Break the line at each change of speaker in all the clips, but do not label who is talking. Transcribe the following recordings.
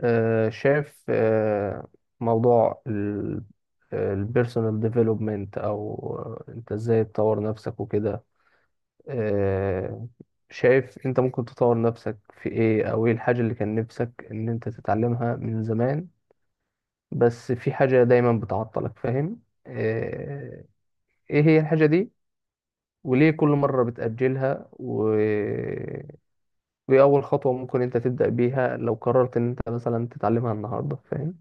شايف موضوع البيرسونال ديفلوبمنت او انت ازاي تطور نفسك وكده. آه، شايف انت ممكن تطور نفسك في ايه، او ايه الحاجة اللي كان نفسك ان انت تتعلمها من زمان، بس في حاجة دايما بتعطلك فاهم؟ ايه هي الحاجة دي، وليه كل مرة بتأجلها وإيه أول خطوة ممكن أنت تبدأ بيها لو قررت إن أنت مثلا تتعلمها النهاردة، فاهم؟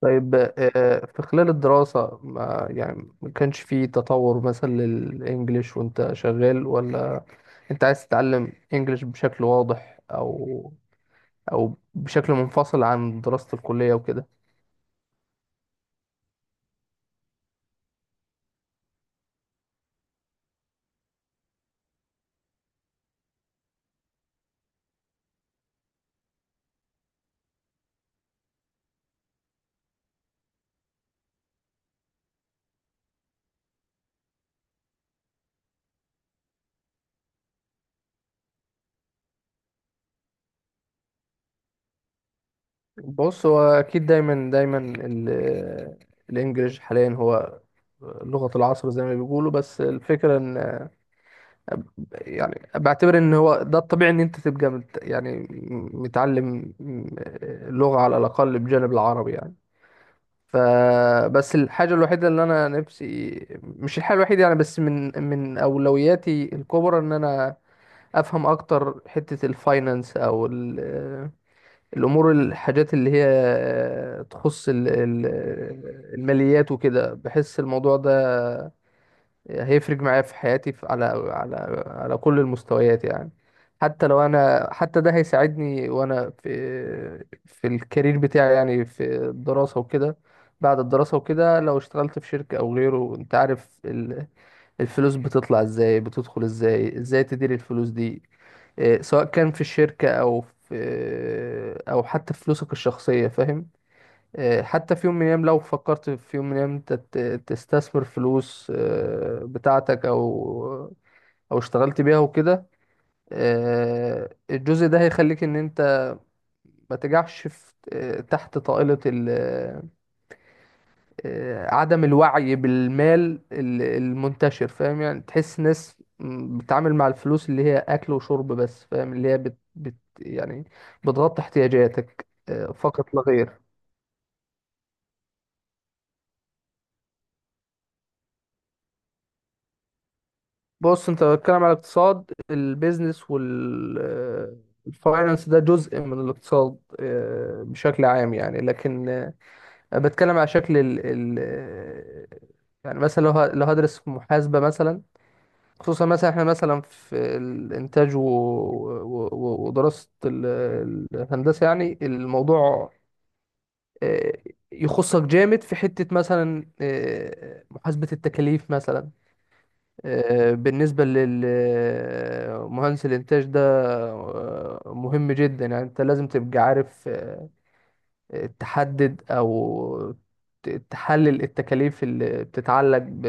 طيب. في خلال الدراسة، ما يعني، ما كانش فيه تطور مثلا للإنجليش وأنت شغال، ولا أنت عايز تتعلم إنجليش بشكل واضح، أو بشكل منفصل عن دراسة الكلية وكده؟ بص، هو أكيد دايما دايما الإنجليش حاليا هو لغة العصر زي ما بيقولوا. بس الفكرة إن، يعني، بعتبر ان هو ده الطبيعي ان انت تبقى يعني متعلم لغة على الاقل بجانب العربي يعني. فبس الحاجة الوحيدة اللي أنا نفسي، مش الحاجة الوحيدة يعني، بس من أولوياتي الكبرى إن أنا أفهم أكتر حتة الفاينانس أو الأمور، الحاجات اللي هي تخص الماليات وكده. بحس الموضوع ده هيفرق معايا في حياتي، في، على على كل المستويات يعني. حتى لو انا، حتى ده هيساعدني وانا في الكارير بتاعي يعني، في الدراسة وكده، بعد الدراسة وكده، لو اشتغلت في شركة او غيره. انت عارف الفلوس بتطلع ازاي، بتدخل ازاي، ازاي تدير الفلوس دي، إيه، سواء كان في الشركة او في، او حتى في فلوسك الشخصية، فاهم. حتى في يوم من الأيام، لو فكرت في يوم من الأيام أنت تستثمر فلوس بتاعتك، أو اشتغلت بيها وكده، الجزء ده هيخليك إن أنت ما تجعش في تحت طائلة عدم الوعي بالمال المنتشر فاهم. يعني تحس ناس بتتعامل مع الفلوس اللي هي أكل وشرب بس فاهم، اللي هي بت بت يعني بتغطي احتياجاتك فقط لا غير. بص، انت بتتكلم على الاقتصاد. البيزنس والفاينانس ده جزء من الاقتصاد بشكل عام يعني، لكن انا بتكلم على شكل ال ال آه، يعني مثلا لو لو هدرس في محاسبة مثلا، خصوصا مثلا احنا مثلا في الانتاج ودراسة الهندسة، يعني الموضوع آه، يخصك جامد في حتة مثلا محاسبة التكاليف مثلا. بالنسبة للمهندس الإنتاج ده مهم جدا يعني. أنت لازم تبقى عارف تحدد أو تحلل التكاليف اللي بتتعلق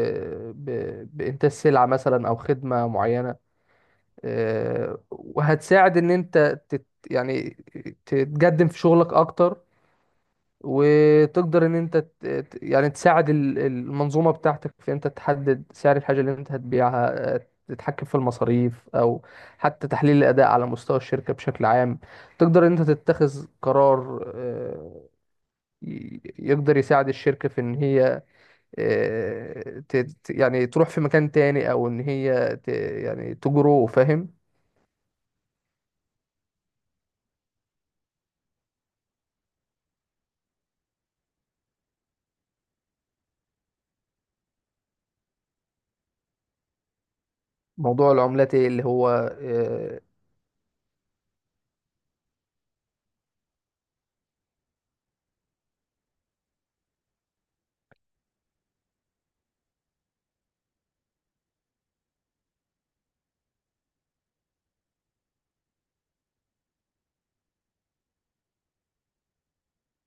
ب... بإنتاج سلعة مثلا أو خدمة معينة. وهتساعد إن أنت يعني تتقدم في شغلك أكتر، وتقدر ان انت يعني تساعد المنظومه بتاعتك، في انت تحدد سعر الحاجه اللي انت هتبيعها، تتحكم في المصاريف، او حتى تحليل الاداء على مستوى الشركه بشكل عام. تقدر ان انت تتخذ قرار يقدر يساعد الشركه في ان هي يعني تروح في مكان تاني، او ان هي يعني تجرو، فاهم. موضوع العملات إيه اللي هو آه،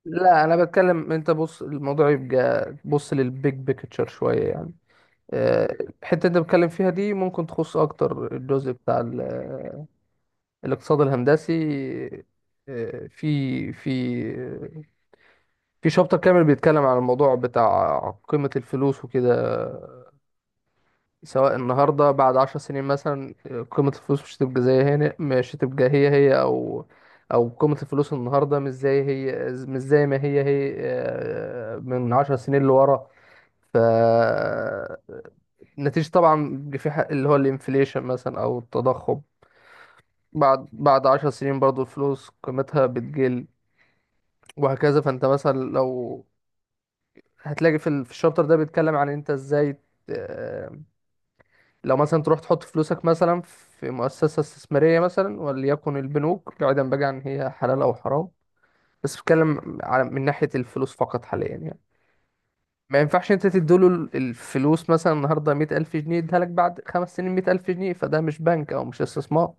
لا، انا بتكلم. انت بص، الموضوع يبقى بص للبيج بيكتشر شويه يعني. آه، الحته اللي انت بتكلم فيها دي ممكن تخص اكتر الجزء بتاع الاقتصاد الهندسي. آه، في في في شابتر كامل بيتكلم عن الموضوع بتاع قيمه الفلوس وكده، سواء النهارده، بعد 10 سنين مثلا قيمة الفلوس مش هتبقى زي هنا، مش هتبقى هي هي، أو قيمة الفلوس النهارده مش زي هي، مش زي ما هي هي من 10 سنين لورا. ف نتيجة طبعا بيبقى في حق اللي هو الانفليشن مثلا، أو التضخم. بعد عشر سنين برضو الفلوس قيمتها بتقل، وهكذا. فأنت مثلا لو هتلاقي في في الشابتر ده بيتكلم عن أنت إزاي آه، لو مثلا تروح تحط فلوسك مثلا في مؤسسة استثمارية، مثلا وليكن البنوك، بعيدا بقى عن هي حلال أو حرام، بس بتكلم على من ناحية الفلوس فقط حاليا يعني. ما ينفعش انت تديله الفلوس مثلا النهاردة 100,000 جنيه، يديها لك بعد 5 سنين 100,000 جنيه. فده مش بنك أو مش استثمار.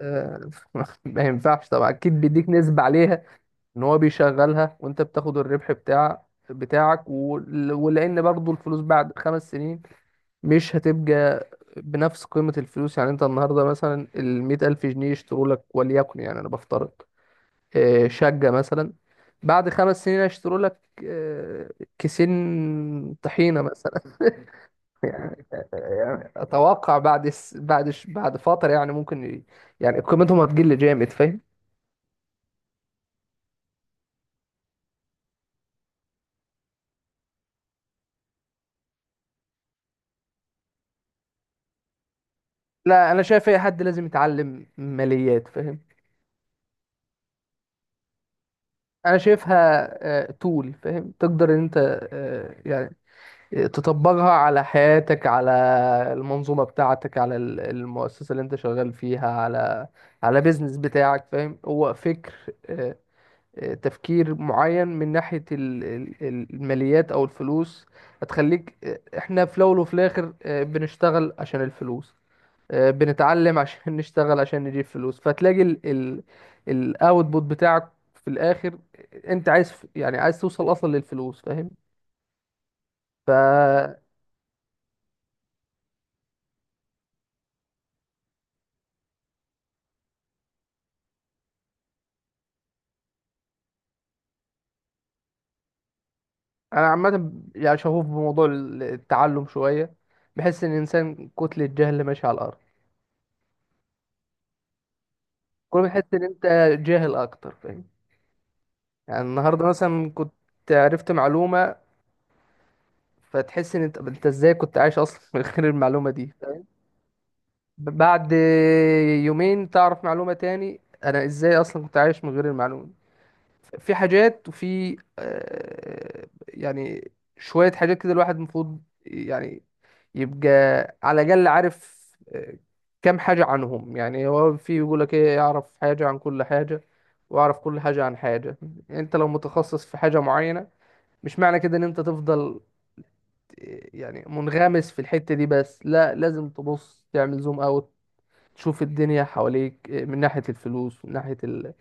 آه، ما ينفعش طبعا، أكيد بيديك نسبة عليها، إن هو بيشغلها وأنت بتاخد الربح بتاعك ولأن برضه الفلوس بعد 5 سنين مش هتبقى بنفس قيمة الفلوس. يعني انت النهاردة مثلا المية ألف جنيه يشتروا لك، وليكن يعني أنا بفترض شقة مثلا، بعد 5 سنين هيشتروا لك آه، كيسين طحينة مثلا يعني أتوقع بعد س... بعد ش... بعد فترة يعني، ممكن يعني قيمتهم هتقل جامد، فاهم. لا، أنا شايف أي حد لازم يتعلم ماليات، فاهم. أنا شايفها طول، فاهم. تقدر إن أنت يعني تطبقها على حياتك، على المنظومة بتاعتك، على المؤسسة اللي انت شغال فيها، على بيزنس بتاعك، فاهم. هو فكر آه، تفكير معين. من ناحية الماليات او الفلوس هتخليك احنا في الاول وفي الاخر بنشتغل عشان الفلوس، بنتعلم عشان نشتغل عشان نجيب فلوس. فتلاقي الاوتبوت بتاعك في الاخر انت عايز، يعني عايز توصل اصلا للفلوس، فاهم. ف انا عامه يعني شغوف بموضوع التعلم شويه. بحس ان الانسان كتله جهل ماشي على الارض. كل ما تحس ان انت جاهل اكتر، فاهم. يعني النهارده مثلا كنت عرفت معلومه، فتحس ان انت ازاي كنت عايش اصلا من غير المعلومه دي. بعد يومين تعرف معلومه تاني، انا ازاي اصلا كنت عايش من غير المعلومه. في حاجات، وفي يعني شوية حاجات كده الواحد المفروض يعني يبقى على الأقل عارف آه، كام حاجة عنهم. يعني هو في يقول لك إيه، يعرف حاجة عن كل حاجة وأعرف كل حاجة عن حاجة. أنت لو متخصص في حاجة معينة، مش معنى كده إن أنت تفضل يعني منغمس في الحتة دي بس. لا، لازم تبص تعمل زوم أوت، تشوف الدنيا حواليك من ناحية الفلوس، من ناحية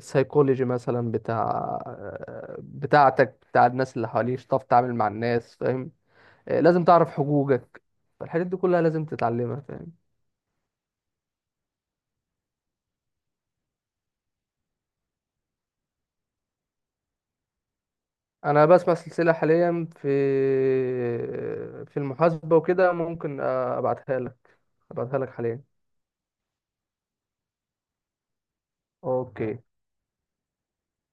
سايكولوجي مثلا بتاع بتاعتك، بتاع الناس اللي حواليك، تعرف تتعامل مع الناس، فاهم. لازم تعرف حقوقك. الحاجات دي كلها لازم تتعلمها، فاهم. انا بسمع سلسلة حاليا في المحاسبة وكده، ممكن ابعتها لك، ابعتها لك حاليا. اوكي.